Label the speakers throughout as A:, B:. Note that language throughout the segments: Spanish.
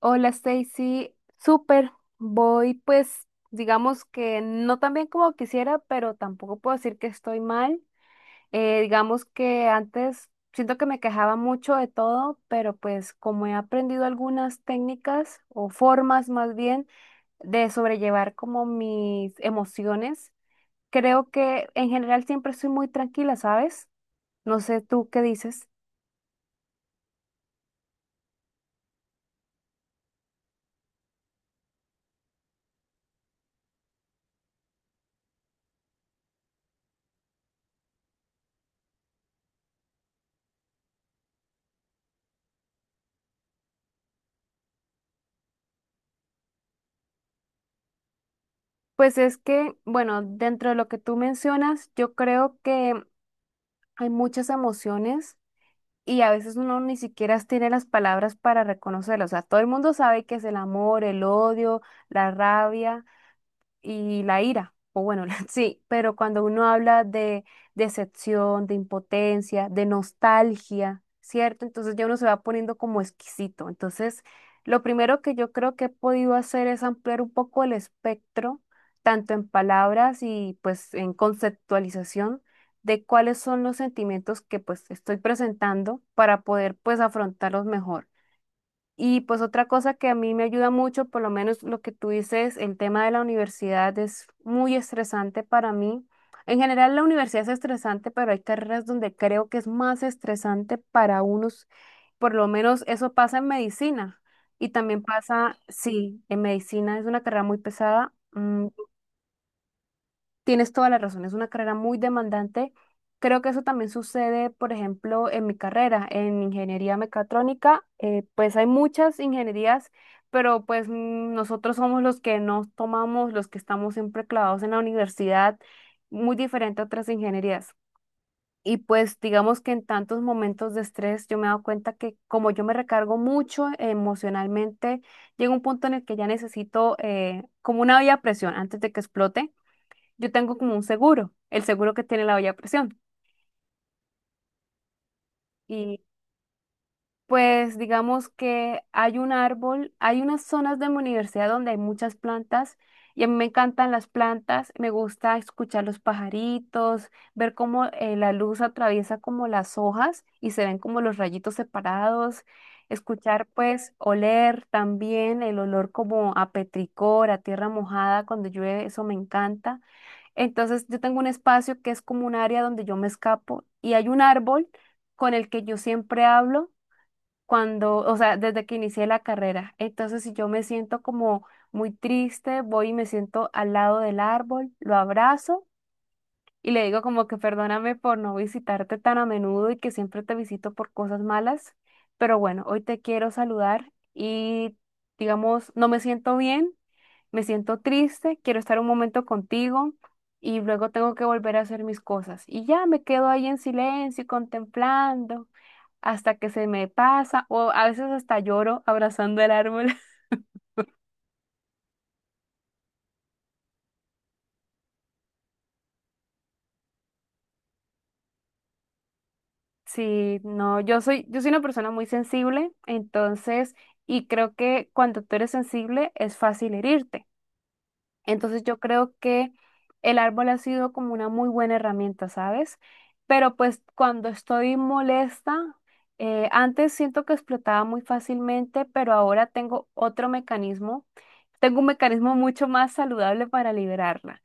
A: Hola Stacy, súper. Voy, pues digamos que no tan bien como quisiera, pero tampoco puedo decir que estoy mal. Digamos que antes siento que me quejaba mucho de todo, pero pues como he aprendido algunas técnicas, o formas más bien de sobrellevar como mis emociones, creo que en general siempre estoy muy tranquila, ¿sabes? No sé tú qué dices. Pues es que, bueno, dentro de lo que tú mencionas, yo creo que hay muchas emociones y a veces uno ni siquiera tiene las palabras para reconocerlas. O sea, todo el mundo sabe qué es el amor, el odio, la rabia y la ira, o bueno, sí, pero cuando uno habla de decepción, de impotencia, de nostalgia, ¿cierto? Entonces ya uno se va poniendo como exquisito. Entonces, lo primero que yo creo que he podido hacer es ampliar un poco el espectro, tanto en palabras y pues en conceptualización de cuáles son los sentimientos que pues estoy presentando para poder pues afrontarlos mejor. Y pues otra cosa que a mí me ayuda mucho, por lo menos lo que tú dices, el tema de la universidad es muy estresante para mí. En general la universidad es estresante, pero hay carreras donde creo que es más estresante para unos. Por lo menos eso pasa en medicina. Y también pasa, sí, en medicina es una carrera muy pesada. Tienes toda la razón, es una carrera muy demandante. Creo que eso también sucede, por ejemplo, en mi carrera, en ingeniería mecatrónica, pues hay muchas ingenierías, pero pues nosotros somos los que nos tomamos, los que estamos siempre clavados en la universidad, muy diferente a otras ingenierías. Y pues digamos que en tantos momentos de estrés yo me he dado cuenta que como yo me recargo mucho emocionalmente, llega un punto en el que ya necesito, como una vía a presión antes de que explote. Yo tengo como un seguro, el seguro que tiene la olla a presión. Y pues digamos que hay un árbol, hay unas zonas de mi universidad donde hay muchas plantas y a mí me encantan las plantas, me gusta escuchar los pajaritos, ver cómo la luz atraviesa como las hojas y se ven como los rayitos separados, escuchar, pues oler también el olor como a petricor, a tierra mojada cuando llueve, eso me encanta. Entonces yo tengo un espacio que es como un área donde yo me escapo y hay un árbol con el que yo siempre hablo cuando, o sea, desde que inicié la carrera. Entonces si yo me siento como muy triste, voy y me siento al lado del árbol, lo abrazo y le digo como que perdóname por no visitarte tan a menudo y que siempre te visito por cosas malas, pero bueno, hoy te quiero saludar y, digamos, no me siento bien, me siento triste, quiero estar un momento contigo y luego tengo que volver a hacer mis cosas. Y ya me quedo ahí en silencio y contemplando hasta que se me pasa, o a veces hasta lloro abrazando el árbol. Sí, no, yo soy una persona muy sensible, entonces, y creo que cuando tú eres sensible es fácil herirte. Entonces yo creo que el árbol ha sido como una muy buena herramienta, ¿sabes? Pero pues cuando estoy molesta, antes siento que explotaba muy fácilmente, pero ahora tengo otro mecanismo, tengo un mecanismo mucho más saludable para liberarla,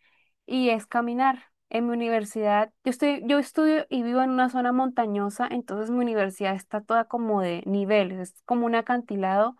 A: y es caminar. En mi universidad, yo estudio y vivo en una zona montañosa, entonces mi universidad está toda como de niveles, es como un acantilado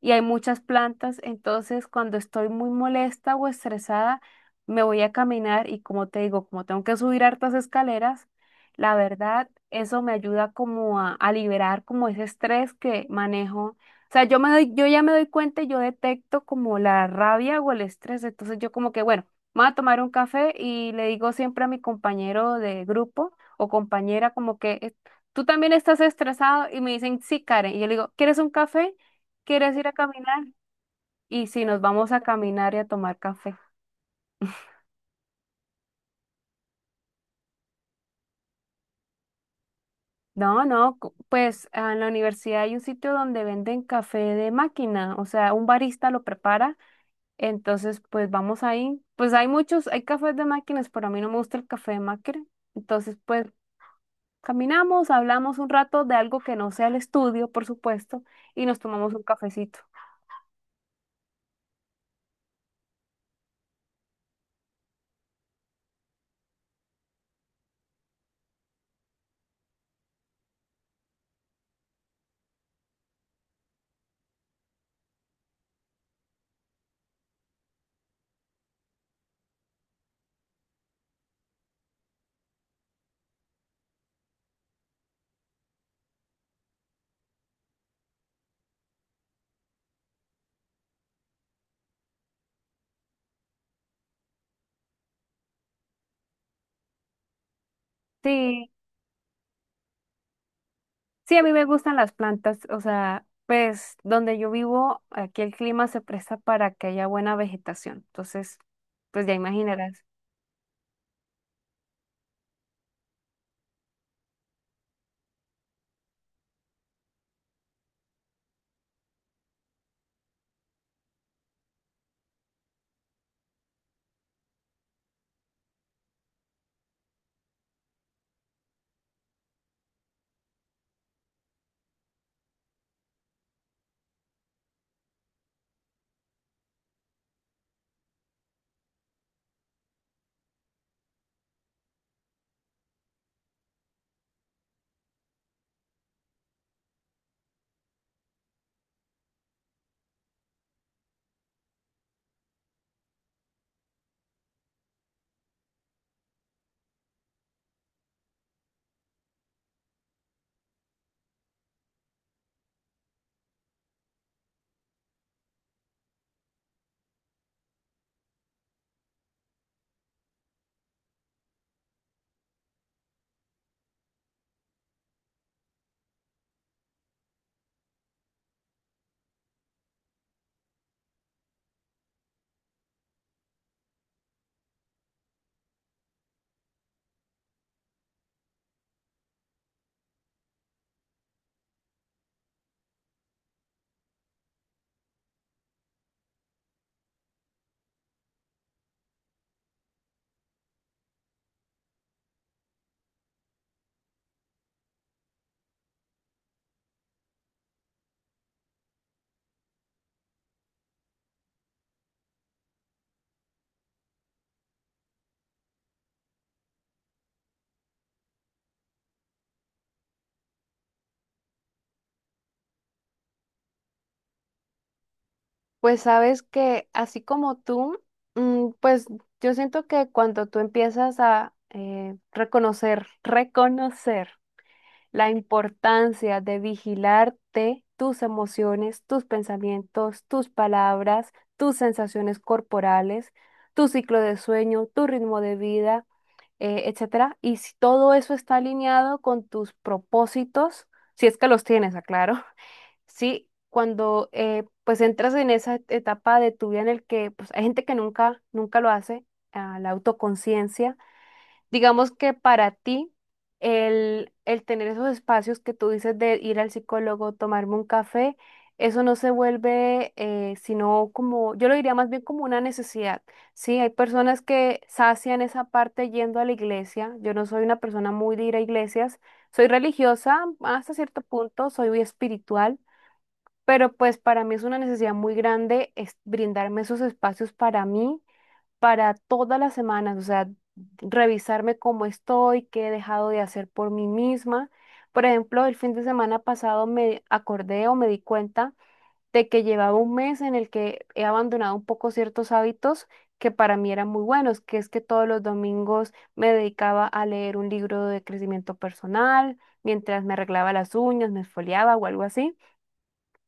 A: y hay muchas plantas, entonces cuando estoy muy molesta o estresada, me voy a caminar y, como te digo, como tengo que subir hartas escaleras, la verdad, eso me ayuda como a liberar como ese estrés que manejo. O sea, yo ya me doy cuenta, y yo detecto como la rabia o el estrés, entonces yo como que, bueno, me voy a tomar un café y le digo siempre a mi compañero de grupo o compañera como que: tú también estás estresado", y me dicen, sí, Karen, y yo le digo, ¿quieres un café? ¿Quieres ir a caminar? Y si nos vamos a caminar y a tomar café. No, no, pues ah, en la universidad hay un sitio donde venden café de máquina, o sea, un barista lo prepara, entonces pues vamos ahí. Pues hay muchos, hay cafés de máquinas, pero a mí no me gusta el café de máquina. Entonces pues caminamos, hablamos un rato de algo que no sea el estudio, por supuesto, y nos tomamos un cafecito. Sí. Sí, a mí me gustan las plantas, o sea, pues donde yo vivo, aquí el clima se presta para que haya buena vegetación. Entonces, pues ya imaginarás. Pues sabes que así como tú, mm, pues yo siento que cuando tú empiezas a reconocer la importancia de vigilarte tus emociones, tus pensamientos, tus palabras, tus sensaciones corporales, tu ciclo de sueño, tu ritmo de vida, etcétera. Y si todo eso está alineado con tus propósitos, si es que los tienes, aclaro. Sí, cuando pues entras en esa etapa de tu vida en el que pues, hay gente que nunca, nunca lo hace, ah, la autoconciencia. Digamos que para ti, el tener esos espacios que tú dices de ir al psicólogo, tomarme un café, eso no se vuelve sino como, yo lo diría más bien como una necesidad, ¿sí? Hay personas que sacian esa parte yendo a la iglesia. Yo no soy una persona muy de ir a iglesias, soy religiosa hasta cierto punto, soy muy espiritual, pero pues para mí es una necesidad muy grande, es brindarme esos espacios para mí para todas las semanas, o sea, revisarme cómo estoy, qué he dejado de hacer por mí misma. Por ejemplo, el fin de semana pasado me acordé o me di cuenta de que llevaba un mes en el que he abandonado un poco ciertos hábitos que para mí eran muy buenos, que es que todos los domingos me dedicaba a leer un libro de crecimiento personal, mientras me arreglaba las uñas, me esfoliaba o algo así,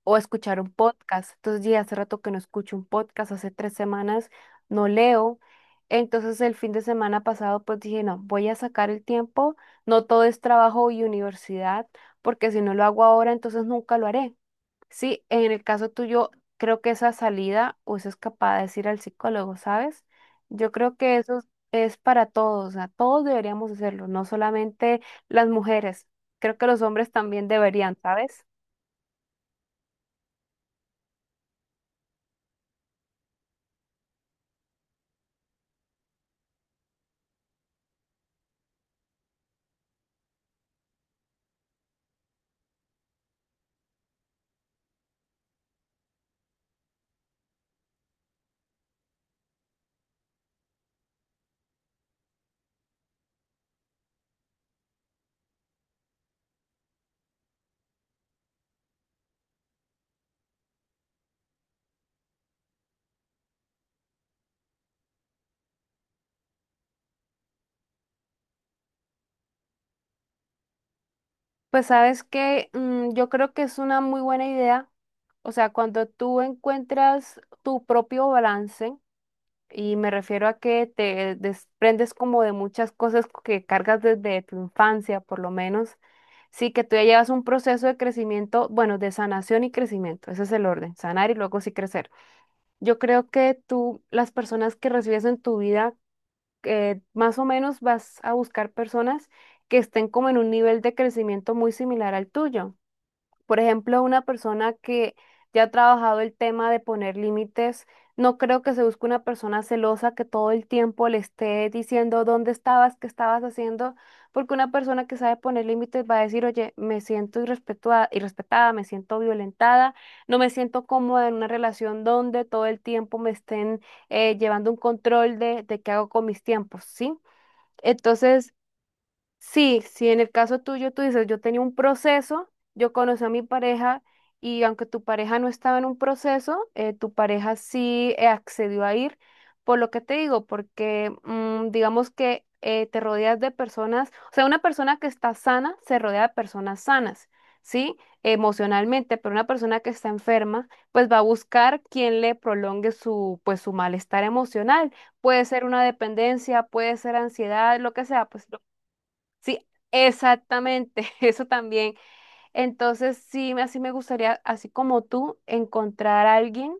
A: o escuchar un podcast. Entonces, ya hace rato que no escucho un podcast, hace tres semanas no leo. Entonces, el fin de semana pasado, pues dije, no, voy a sacar el tiempo, no todo es trabajo y universidad, porque si no lo hago ahora, entonces nunca lo haré. Sí, en el caso tuyo, creo que esa salida o esa escapada es ir al psicólogo, ¿sabes? Yo creo que eso es para todos, o sea, todos deberíamos hacerlo, no solamente las mujeres, creo que los hombres también deberían, ¿sabes? Pues sabes que yo creo que es una muy buena idea. O sea, cuando tú encuentras tu propio balance, y me refiero a que te desprendes como de muchas cosas que cargas desde tu infancia, por lo menos, sí que tú ya llevas un proceso de crecimiento, bueno, de sanación y crecimiento, ese es el orden, sanar y luego sí crecer. Yo creo que tú, las personas que recibes en tu vida, más o menos vas a buscar personas que estén como en un nivel de crecimiento muy similar al tuyo. Por ejemplo, una persona que ya ha trabajado el tema de poner límites, no creo que se busque una persona celosa que todo el tiempo le esté diciendo dónde estabas, qué estabas haciendo, porque una persona que sabe poner límites va a decir, oye, me siento irrespetada, me siento violentada, no me siento cómoda en una relación donde todo el tiempo me estén llevando un control de qué hago con mis tiempos, ¿sí? Entonces, sí, si en el caso tuyo tú dices, yo tenía un proceso, yo conocí a mi pareja y aunque tu pareja no estaba en un proceso, tu pareja sí accedió a ir, por lo que te digo, porque mm, digamos que te rodeas de personas, o sea, una persona que está sana se rodea de personas sanas, ¿sí? Emocionalmente, pero una persona que está enferma, pues va a buscar quien le prolongue su, pues, su malestar emocional. Puede ser una dependencia, puede ser ansiedad, lo que sea, pues sí, exactamente, eso también. Entonces, sí, así me gustaría, así como tú, encontrar a alguien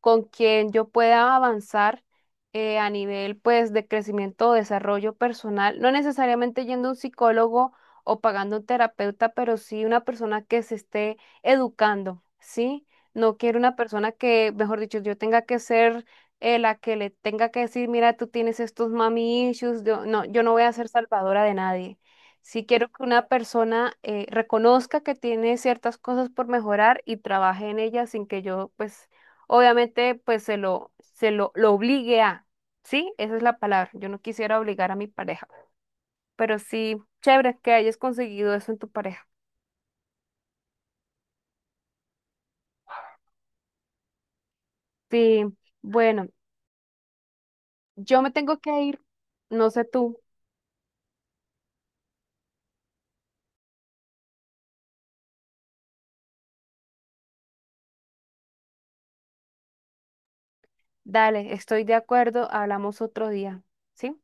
A: con quien yo pueda avanzar, a nivel pues de crecimiento o desarrollo personal, no necesariamente yendo a un psicólogo o pagando un terapeuta, pero sí una persona que se esté educando, ¿sí? No quiero una persona que, mejor dicho, yo tenga que ser la que le tenga que decir, mira, tú tienes estos mami issues, yo, no, yo no voy a ser salvadora de nadie. Sí quiero que una persona reconozca que tiene ciertas cosas por mejorar y trabaje en ellas sin que yo pues obviamente, pues lo obligue a, ¿sí? Esa es la palabra. Yo no quisiera obligar a mi pareja, pero sí, chévere que hayas conseguido eso en tu pareja. Sí, bueno, yo me tengo que ir, no sé tú, dale, estoy de acuerdo, hablamos otro día, ¿sí?